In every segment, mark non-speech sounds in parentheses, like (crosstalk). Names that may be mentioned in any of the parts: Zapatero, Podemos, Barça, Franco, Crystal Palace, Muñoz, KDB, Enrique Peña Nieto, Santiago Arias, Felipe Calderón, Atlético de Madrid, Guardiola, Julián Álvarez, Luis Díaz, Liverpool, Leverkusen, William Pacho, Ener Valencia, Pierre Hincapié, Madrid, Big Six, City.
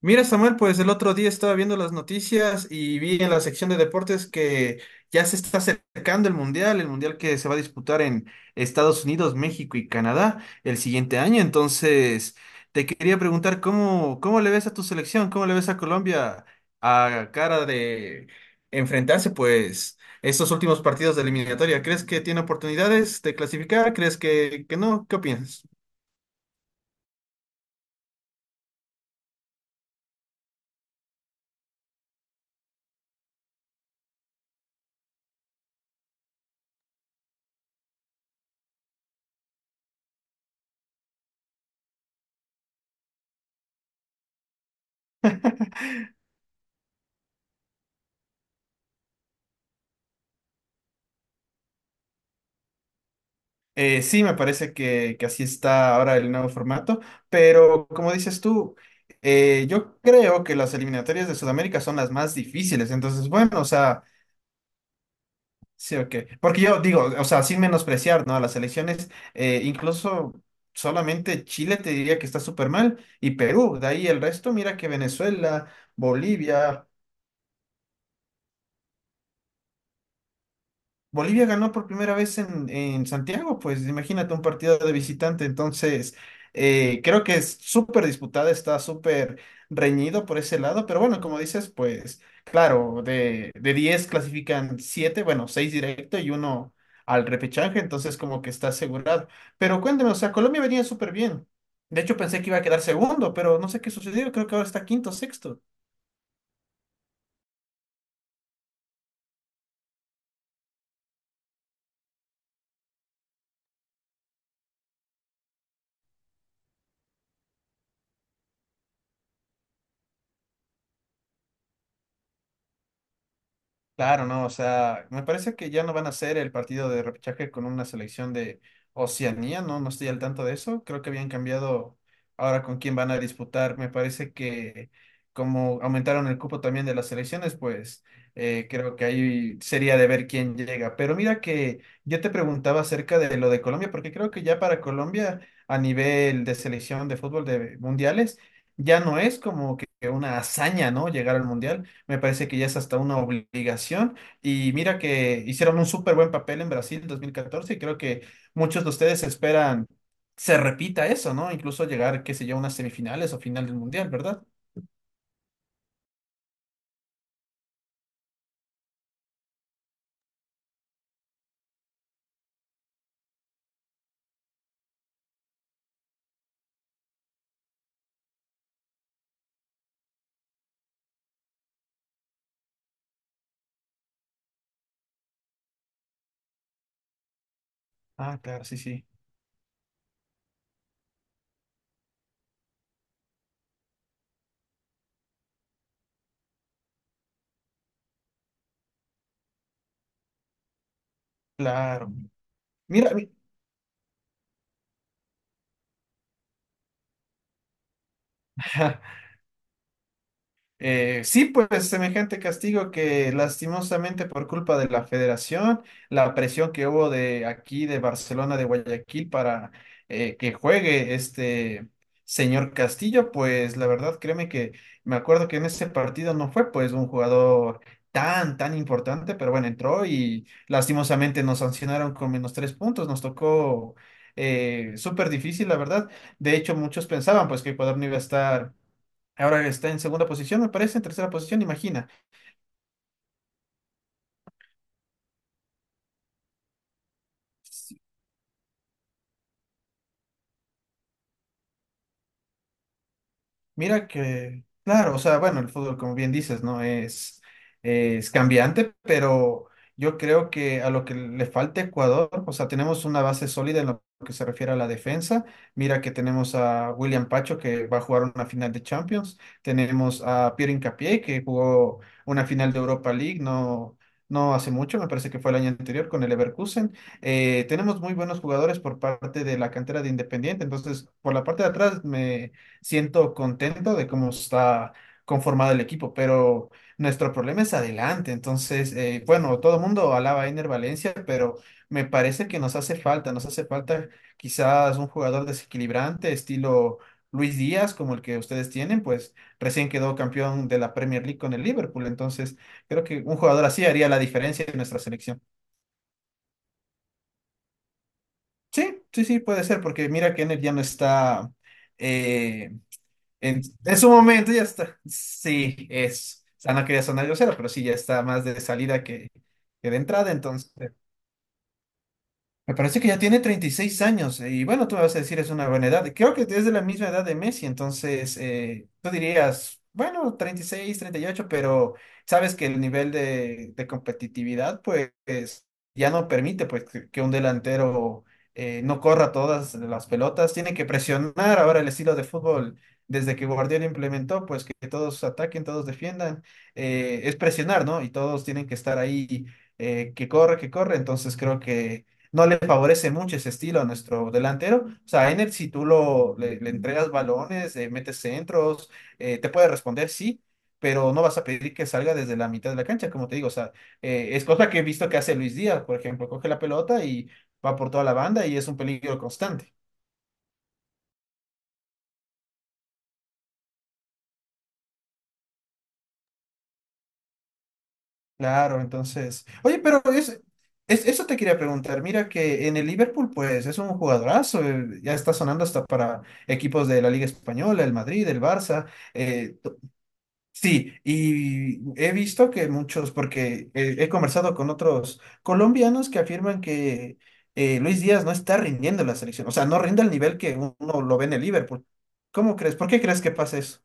Mira, Samuel, pues el otro día estaba viendo las noticias y vi en la sección de deportes que ya se está acercando el mundial que se va a disputar en Estados Unidos, México y Canadá el siguiente año. Entonces, te quería preguntar cómo le ves a tu selección, cómo le ves a Colombia a cara de enfrentarse, pues, estos últimos partidos de eliminatoria. ¿Crees que tiene oportunidades de clasificar? ¿Crees que no? ¿Qué opinas? Sí, me parece que así está ahora el nuevo formato, pero como dices tú, yo creo que las eliminatorias de Sudamérica son las más difíciles, entonces bueno, o sea, sí o qué, porque yo digo, o sea, sin menospreciar, ¿no? A las elecciones, incluso solamente Chile te diría que está súper mal y Perú, de ahí el resto, mira que Venezuela, Bolivia. Bolivia ganó por primera vez en Santiago, pues imagínate un partido de visitante, entonces creo que es súper disputada, está súper reñido por ese lado, pero bueno, como dices, pues claro, de 10 clasifican 7, bueno, 6 directo y uno al repechaje, entonces como que está asegurado. Pero cuéntame, o sea, Colombia venía súper bien. De hecho, pensé que iba a quedar segundo, pero no sé qué sucedió, creo que ahora está quinto, sexto. Claro, no, o sea, me parece que ya no van a hacer el partido de repechaje con una selección de Oceanía, no, no estoy al tanto de eso. Creo que habían cambiado ahora con quién van a disputar. Me parece que como aumentaron el cupo también de las selecciones, pues creo que ahí sería de ver quién llega. Pero mira que yo te preguntaba acerca de lo de Colombia, porque creo que ya para Colombia a nivel de selección de fútbol de mundiales ya no es como que una hazaña, ¿no? Llegar al mundial me parece que ya es hasta una obligación. Y mira que hicieron un súper buen papel en Brasil en 2014 y creo que muchos de ustedes esperan se repita eso, ¿no? Incluso llegar, qué sé yo, a unas semifinales o final del mundial, ¿verdad? Ah, claro, sí, sí, claro. Mira, mi- (laughs) Sí, pues semejante castigo que lastimosamente por culpa de la federación, la presión que hubo de aquí, de Barcelona, de Guayaquil, para que juegue este señor Castillo, pues la verdad, créeme que me acuerdo que en ese partido no fue pues un jugador tan importante, pero bueno, entró y lastimosamente nos sancionaron con -3 puntos, nos tocó súper difícil, la verdad. De hecho, muchos pensaban pues que Ecuador no iba a estar. Ahora está en segunda posición, me parece, en tercera posición, imagina. Mira que, claro, o sea, bueno, el fútbol, como bien dices, ¿no? Es cambiante, pero yo creo que a lo que le falta a Ecuador, o sea, tenemos una base sólida en lo que se refiere a la defensa. Mira que tenemos a William Pacho, que va a jugar una final de Champions. Tenemos a Pierre Hincapié, que jugó una final de Europa League, no, no hace mucho, me parece que fue el año anterior con el Leverkusen. Tenemos muy buenos jugadores por parte de la cantera de Independiente, entonces, por la parte de atrás me siento contento de cómo está conformado el equipo, pero nuestro problema es adelante. Entonces, bueno, todo el mundo alaba a Ener Valencia, pero me parece que nos hace falta quizás un jugador desequilibrante, estilo Luis Díaz, como el que ustedes tienen, pues recién quedó campeón de la Premier League con el Liverpool. Entonces, creo que un jugador así haría la diferencia en nuestra selección. Sí, sí, sí, puede ser, porque mira que Ener ya no está. eh, en su momento ya está. Sí, es. O sea, no quería sonar grosero, pero sí, ya está más de salida que de entrada, entonces. Me parece que ya tiene 36 años y bueno, tú me vas a decir es una buena edad. Creo que es de la misma edad de Messi, entonces tú dirías, bueno, 30 36 38 pero sabes que el nivel de competitividad pues es- ya no permite pues que un delantero no corra todas las pelotas, tiene que presionar ahora el estilo de fútbol desde que Guardiola implementó pues que todos ataquen, todos defiendan, es presionar, ¿no? Y todos tienen que estar ahí que corre, entonces creo que no le favorece mucho ese estilo a nuestro delantero. O sea, Ener, si tú lo, le entregas balones, metes centros, te puede responder, sí, pero no vas a pedir que salga desde la mitad de la cancha, como te digo. O sea, es cosa que he visto que hace Luis Díaz, por ejemplo, coge la pelota y va por toda la banda y es un peligro constante. Claro, entonces. Oye, pero es- eso te quería preguntar. Mira que en el Liverpool, pues es un jugadorazo. Ya está sonando hasta para equipos de la Liga Española, el Madrid, el Barça. eh, Sí, y he visto que muchos, porque he conversado con otros colombianos que afirman que Luis Díaz no está rindiendo en la selección, o sea, no rinde al nivel que uno lo ve en el Liverpool. ¿Cómo crees? ¿Por qué crees que pasa eso?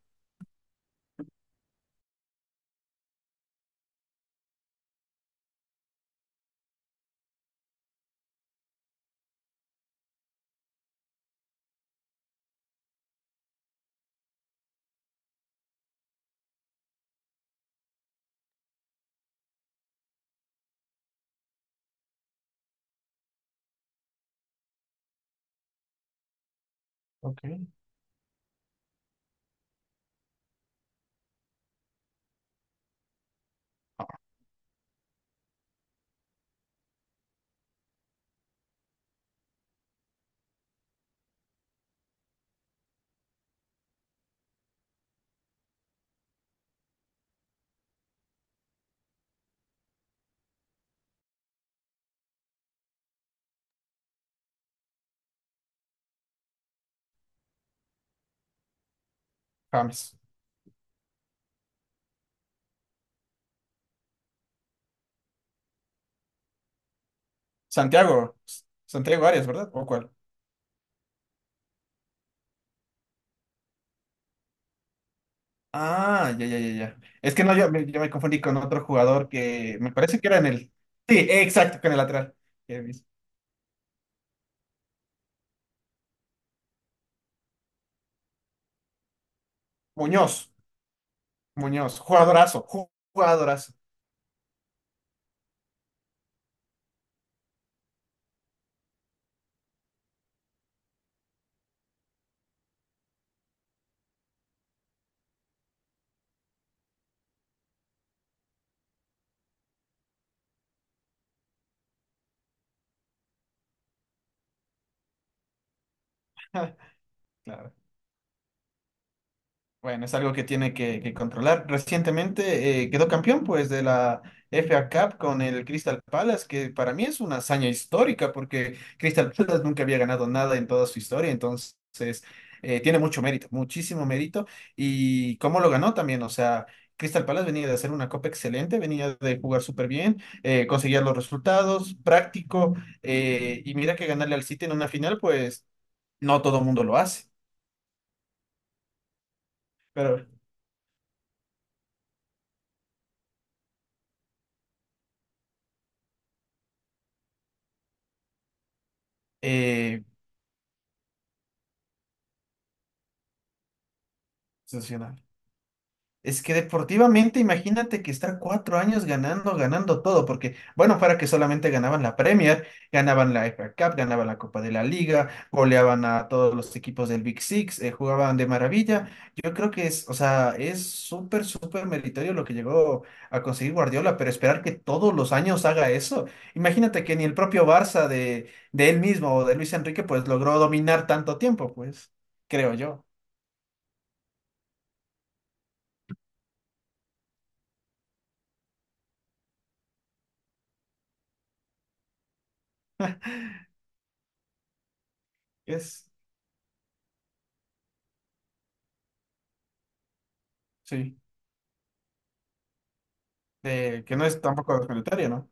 Ok, James. Santiago, S- Santiago Arias, ¿verdad? ¿O cuál? Ah, ya, ya, ya, ya. Es que no, yo me confundí con otro jugador que me parece que era en el... Sí, exacto, con el lateral. Eh, Muñoz, Muñoz, jugadorazo, ju- jugadorazo. (laughs) Claro. Bueno, es algo que tiene que controlar. Recientemente quedó campeón pues de la FA Cup con el Crystal Palace, que para mí es una hazaña histórica porque Crystal Palace nunca había ganado nada en toda su historia, entonces tiene mucho mérito, muchísimo mérito. Y cómo lo ganó también, o sea, Crystal Palace venía de hacer una copa excelente, venía de jugar súper bien, conseguía los resultados, práctico, y mira que ganarle al City en una final, pues no todo el mundo lo hace, pero... Eh, sensacional. Es que deportivamente, imagínate que estar 4 años ganando, ganando todo, porque, bueno, para que solamente ganaban la Premier, ganaban la FA Cup, ganaban la Copa de la Liga, goleaban a todos los equipos del Big Six, jugaban de maravilla. Yo creo que es, o sea, es súper, súper meritorio lo que llegó a conseguir Guardiola, pero esperar que todos los años haga eso. Imagínate que ni el propio Barça de él mismo o de Luis Enrique, pues logró dominar tanto tiempo, pues, creo yo. Es, sí. Que no es tampoco sanitaria, ¿no?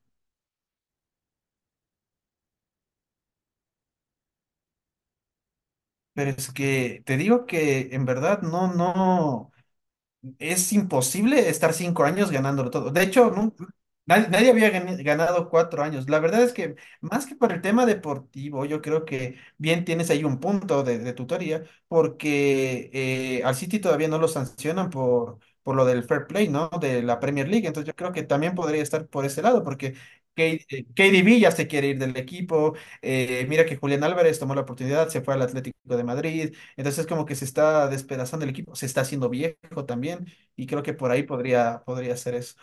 Pero es que te digo que en verdad no, no. Es imposible estar 5 años ganándolo todo. De hecho, nun- nadie, nadie había gani- ganado 4 años. La verdad es que, más que por el tema deportivo, yo creo que bien tienes ahí un punto de tutoría, porque al City todavía no lo sancionan por lo del fair play, ¿no? De la Premier League. Entonces, yo creo que también podría estar por ese lado, porque K- KDB ya se quiere ir del equipo. Mira que Julián Álvarez tomó la oportunidad, se fue al Atlético de Madrid. Entonces, como que se está despedazando el equipo, se está haciendo viejo también. Y creo que por ahí podría ser eso.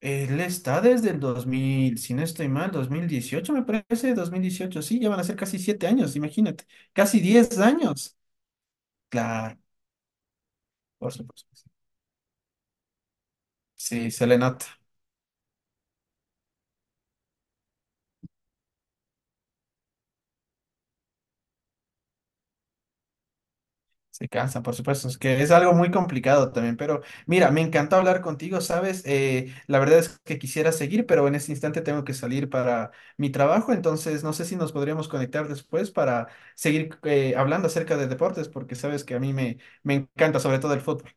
Él está desde el 2000 si no estoy mal, 2018 me parece, 2018 sí, ya van a ser casi 7 años, imagínate, casi 10 años. Claro, por supuesto. Sí, sí, se le nota. Se cansa, por supuesto, es que es algo muy complicado también, pero mira, me encantó hablar contigo, ¿sabes? La verdad es que quisiera seguir, pero en este instante tengo que salir para mi trabajo, entonces no sé si nos podríamos conectar después para seguir hablando acerca de deportes, porque sabes que a mí me, me encanta sobre todo el fútbol.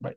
Bye.